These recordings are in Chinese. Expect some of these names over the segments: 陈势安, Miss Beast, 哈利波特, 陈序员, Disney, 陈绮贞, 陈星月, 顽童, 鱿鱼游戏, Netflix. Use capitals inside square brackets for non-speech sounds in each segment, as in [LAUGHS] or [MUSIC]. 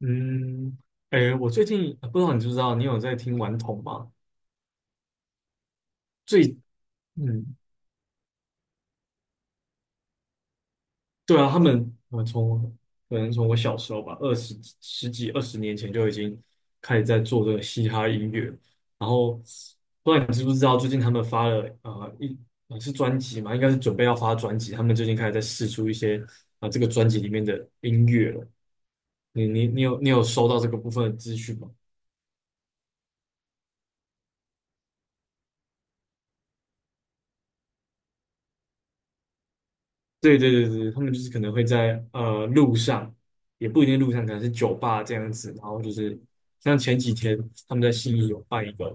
嗯，哎，我最近不知道你知不知道，你有在听顽童吗？最，嗯，对啊，我可能从我小时候吧，十几二十年前就已经开始在做这个嘻哈音乐，然后不知道你知不知道，最近他们发了呃一呃是专辑嘛，应该是准备要发专辑，他们最近开始在试出一些这个专辑里面的音乐了。你有收到这个部分的资讯吗？对对对对，他们就是可能会在路上，也不一定路上，可能是酒吧这样子，然后就是像前几天他们在信义有办一个，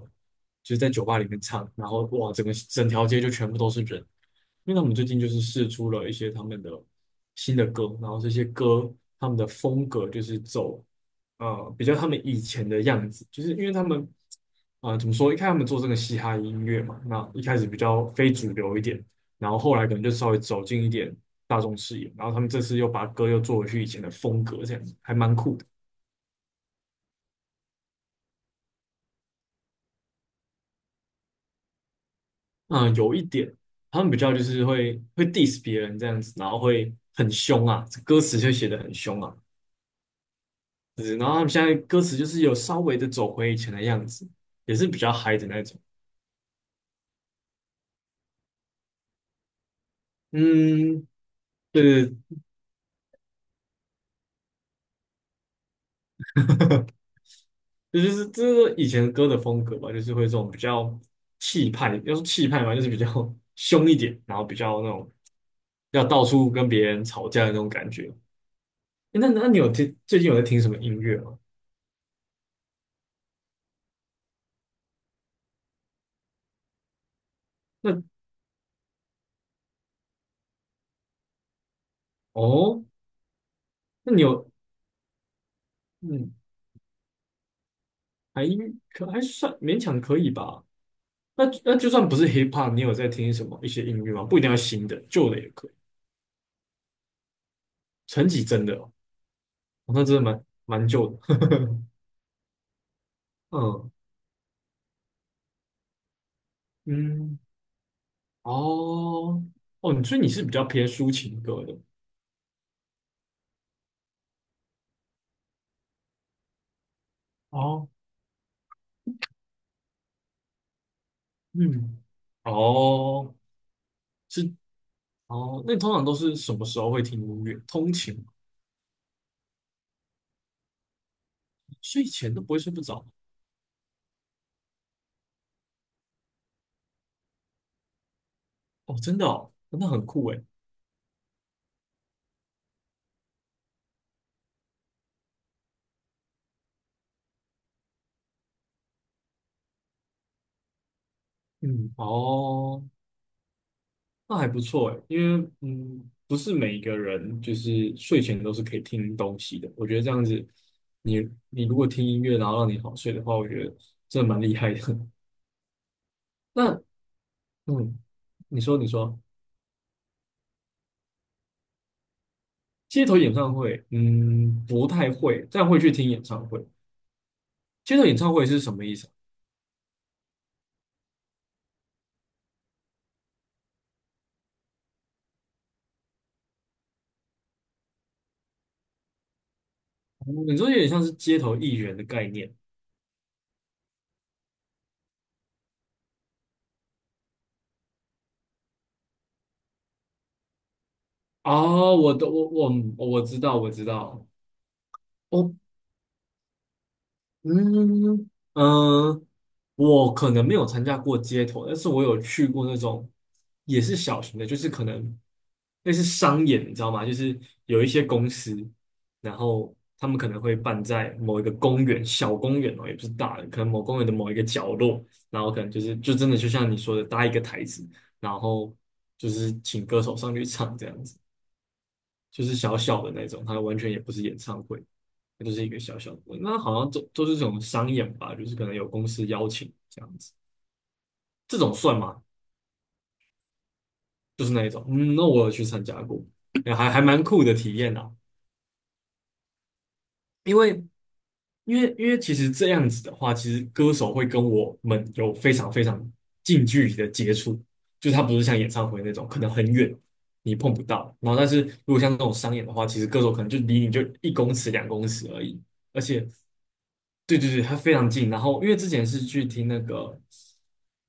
就是在酒吧里面唱，然后哇，整条街就全部都是人，因为他们最近就是试出了一些他们的新的歌，然后这些歌他们的风格就是走比较他们以前的样子，就是因为他们怎么说，一开始他们做这个嘻哈音乐嘛，那一开始比较非主流一点。然后后来可能就稍微走进一点大众视野，然后他们这次又把歌又做回去以前的风格，这样子还蛮酷的。嗯，有一点他们比较就是会 diss 别人这样子，然后会很凶啊，歌词就写的很凶啊，就是然后他们现在歌词就是有稍微的走回以前的样子，也是比较嗨的那种。嗯，对对，这是以前歌的风格吧，就是会这种比较气派，要说气派嘛，就是比较 [LAUGHS] 凶一点，然后比较那种要到处跟别人吵架的那种感觉。诶那你最近有在听什么音乐吗？那哦，那你有嗯，还还算勉强可以吧？那就算不是 hip hop，你有在听什么一些音乐吗？不一定要新的，旧的也可以。陈绮贞的哦，哦那真的蛮旧的。[LAUGHS] 嗯嗯，哦，哦，所以你是比较偏抒情歌的哦，嗯，哦，是哦，那你通常都是什么时候会听音乐？通勤吗？睡前都不会睡不着？哦，真的哦，那很酷诶。嗯哦，那还不错诶，因为不是每一个人就是睡前都是可以听东西的。我觉得这样子，你你如果听音乐然后让你好睡的话，我觉得真的蛮厉害的。[LAUGHS] 那嗯，你说你说，街头演唱会，不太会，但会去听演唱会。街头演唱会是什么意思啊？哦，你说有点像是街头艺人的概念。哦，我知道我知道，哦，嗯嗯，我可能没有参加过街头，但是我有去过那种也是小型的，就是可能类似商演，你知道吗？就是有一些公司，然后他们可能会办在某一个公园，小公园哦，也不是大的，可能某公园的某一个角落，然后可能就是就真的就像你说的搭一个台子，然后就是请歌手上去唱这样子，就是小小的那种，它完全也不是演唱会，它就是一个小小的，那好像都是这种商演吧，就是可能有公司邀请这样子。这种算吗？就是那一种，嗯，那我有去参加过，哎还蛮酷的体验啊。因为因为其实这样子的话，其实歌手会跟我们有非常非常近距离的接触，就是他不是像演唱会那种可能很远你碰不到，然后但是如果像这种商演的话，其实歌手可能就离你就1公尺2公尺而已，而且对对对，他非常近。然后因为之前是去听那个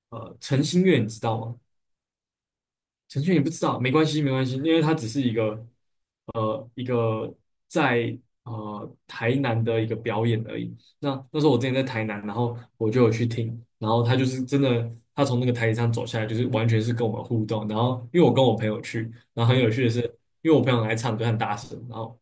陈星月，你知道吗？陈序员你不知道，没关系，没关系，因为它只是一个呃一个在台南的一个表演而已。那那时候我之前在台南，然后我就有去听，然后他就是真的，他从那个台阶上走下来，就是完全是跟我们互动。然后因为我跟我朋友去，然后很有趣的是，因为我朋友来唱歌很大声，然后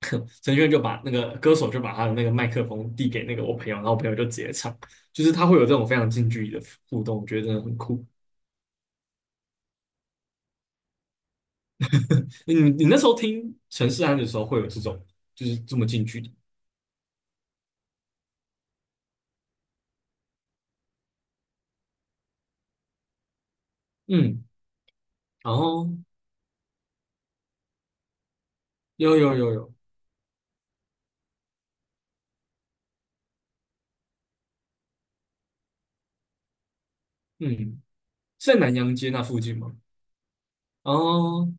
[LAUGHS] 陈序员就把他的那个麦克风递给那个我朋友，然后我朋友就直接唱，就是他会有这种非常近距离的互动，我觉得真的很酷。你那时候听陈势安的时候，会有这种就是这么近距离，嗯，然后有有有有，嗯，是在南洋街那附近吗？哦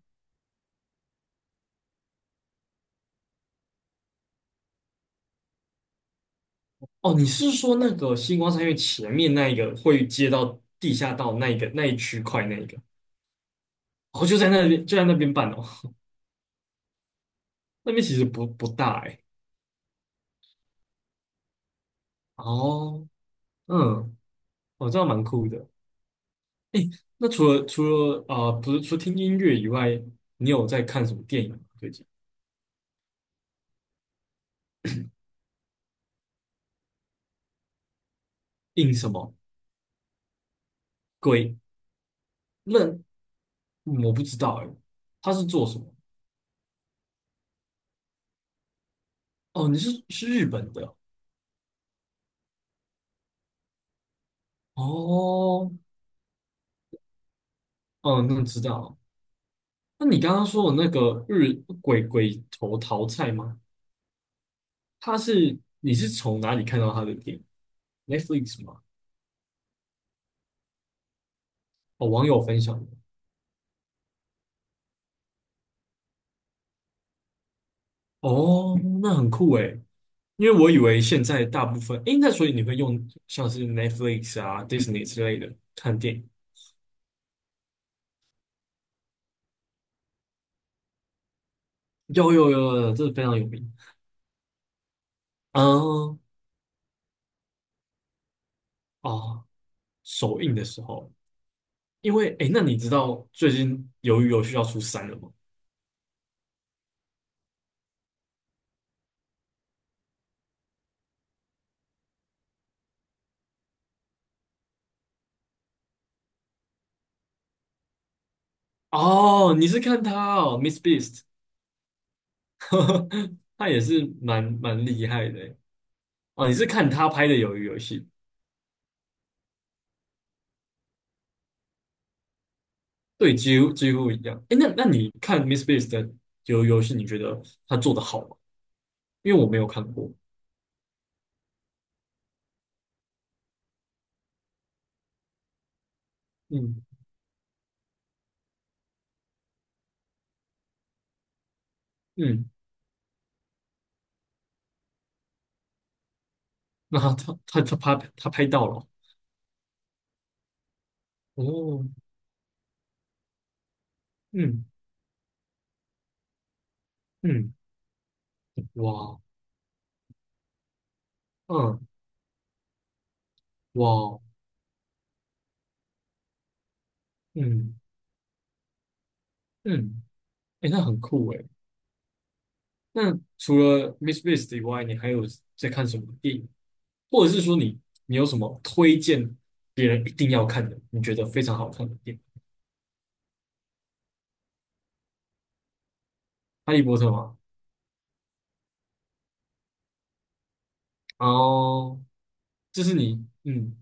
哦，你是说那个星光三月前面那一个会接到地下道那一个那一区块那一个？哦，就在那边就在那边办哦，[LAUGHS] 那边其实不大哎、哦，嗯，哦，这样蛮酷的。那除了不是除了听音乐以外，你有在看什么电影吗？最近？印什么鬼？那我不知道哎，他是做什么？哦，你是日本的哦，哦，那知道了。那你刚刚说的那个鬼头桃菜吗？你是从哪里看到他的电影？Netflix 吗？哦，网友分享的。哦，那很酷哎，因为我以为现在大部分，诶，那所以你会用像是 Netflix 啊、Disney 之类的看电影？有有有有，这非常有名。嗯，哦，首映的时候。因为诶，那你知道最近《鱿鱼游戏》要出三了吗？哦，你是看他哦，Miss Beast，[LAUGHS] 他也是蛮厉害的诶哦，你是看他拍的《鱿鱼游戏》？对，几乎几乎一样。诶，那你看 Miss Beast 的《鱿鱼游戏》，你觉得他做的好吗？因为我没有看过。嗯嗯，那他拍到了哦。嗯嗯，哇，嗯哇，嗯嗯，诶，那很酷诶。那除了 Miss BIST 以外，你还有在看什么电影，或者是说你有什么推荐别人一定要看的，你觉得非常好看的电影？哈利波特吗？哦，这是你，嗯，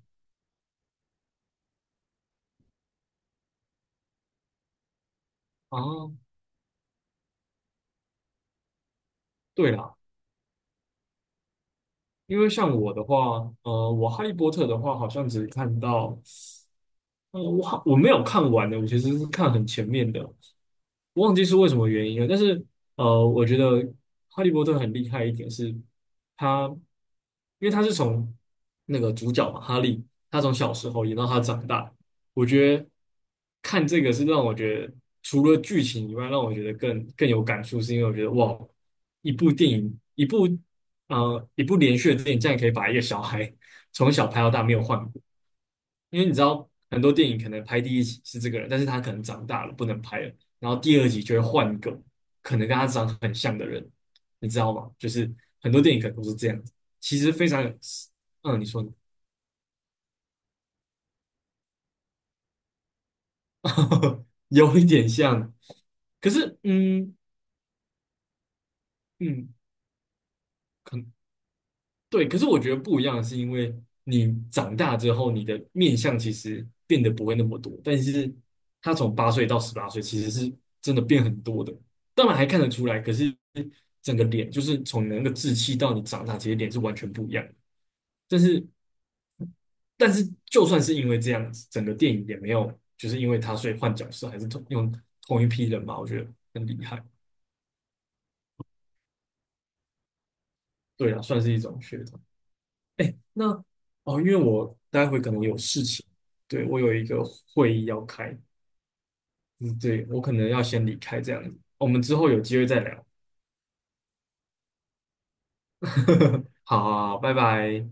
啊，对啦，因为像我的话，我哈利波特的话，好像只看到，我没有看完的，我其实是看很前面的，我忘记是为什么原因了，但是我觉得哈利波特很厉害一点是他，因为他是从那个主角嘛，哈利，他从小时候演到他长大，我觉得看这个是让我觉得除了剧情以外，让我觉得更有感触，是因为我觉得哇，一部电影，一部连续的电影，这样可以把一个小孩从小拍到大没有换。因为你知道很多电影可能拍第一集是这个人，但是他可能长大了不能拍了，然后第二集就会换一个可能跟他长很像的人，你知道吗？就是很多电影可能都是这样子，其实非常有，嗯，你说呢？[LAUGHS] 有一点像，可是嗯嗯。可。对，可是我觉得不一样，是因为你长大之后，你的面相其实变得不会那么多，但是他从八岁到18岁，其实是真的变很多的。当然还看得出来，可是整个脸就是从你的那个稚气到你长大，其实脸是完全不一样的。但是，但是就算是因为这样子，整个电影也没有就是因为他所以换角色，还是同一批人嘛，我觉得很厉害。对啊，算是一种噱头。哎，那哦，因为我待会可能有事情，对，我有一个会议要开，嗯，对，我可能要先离开这样子，我们之后有机会再聊。[LAUGHS] 好好好，拜拜。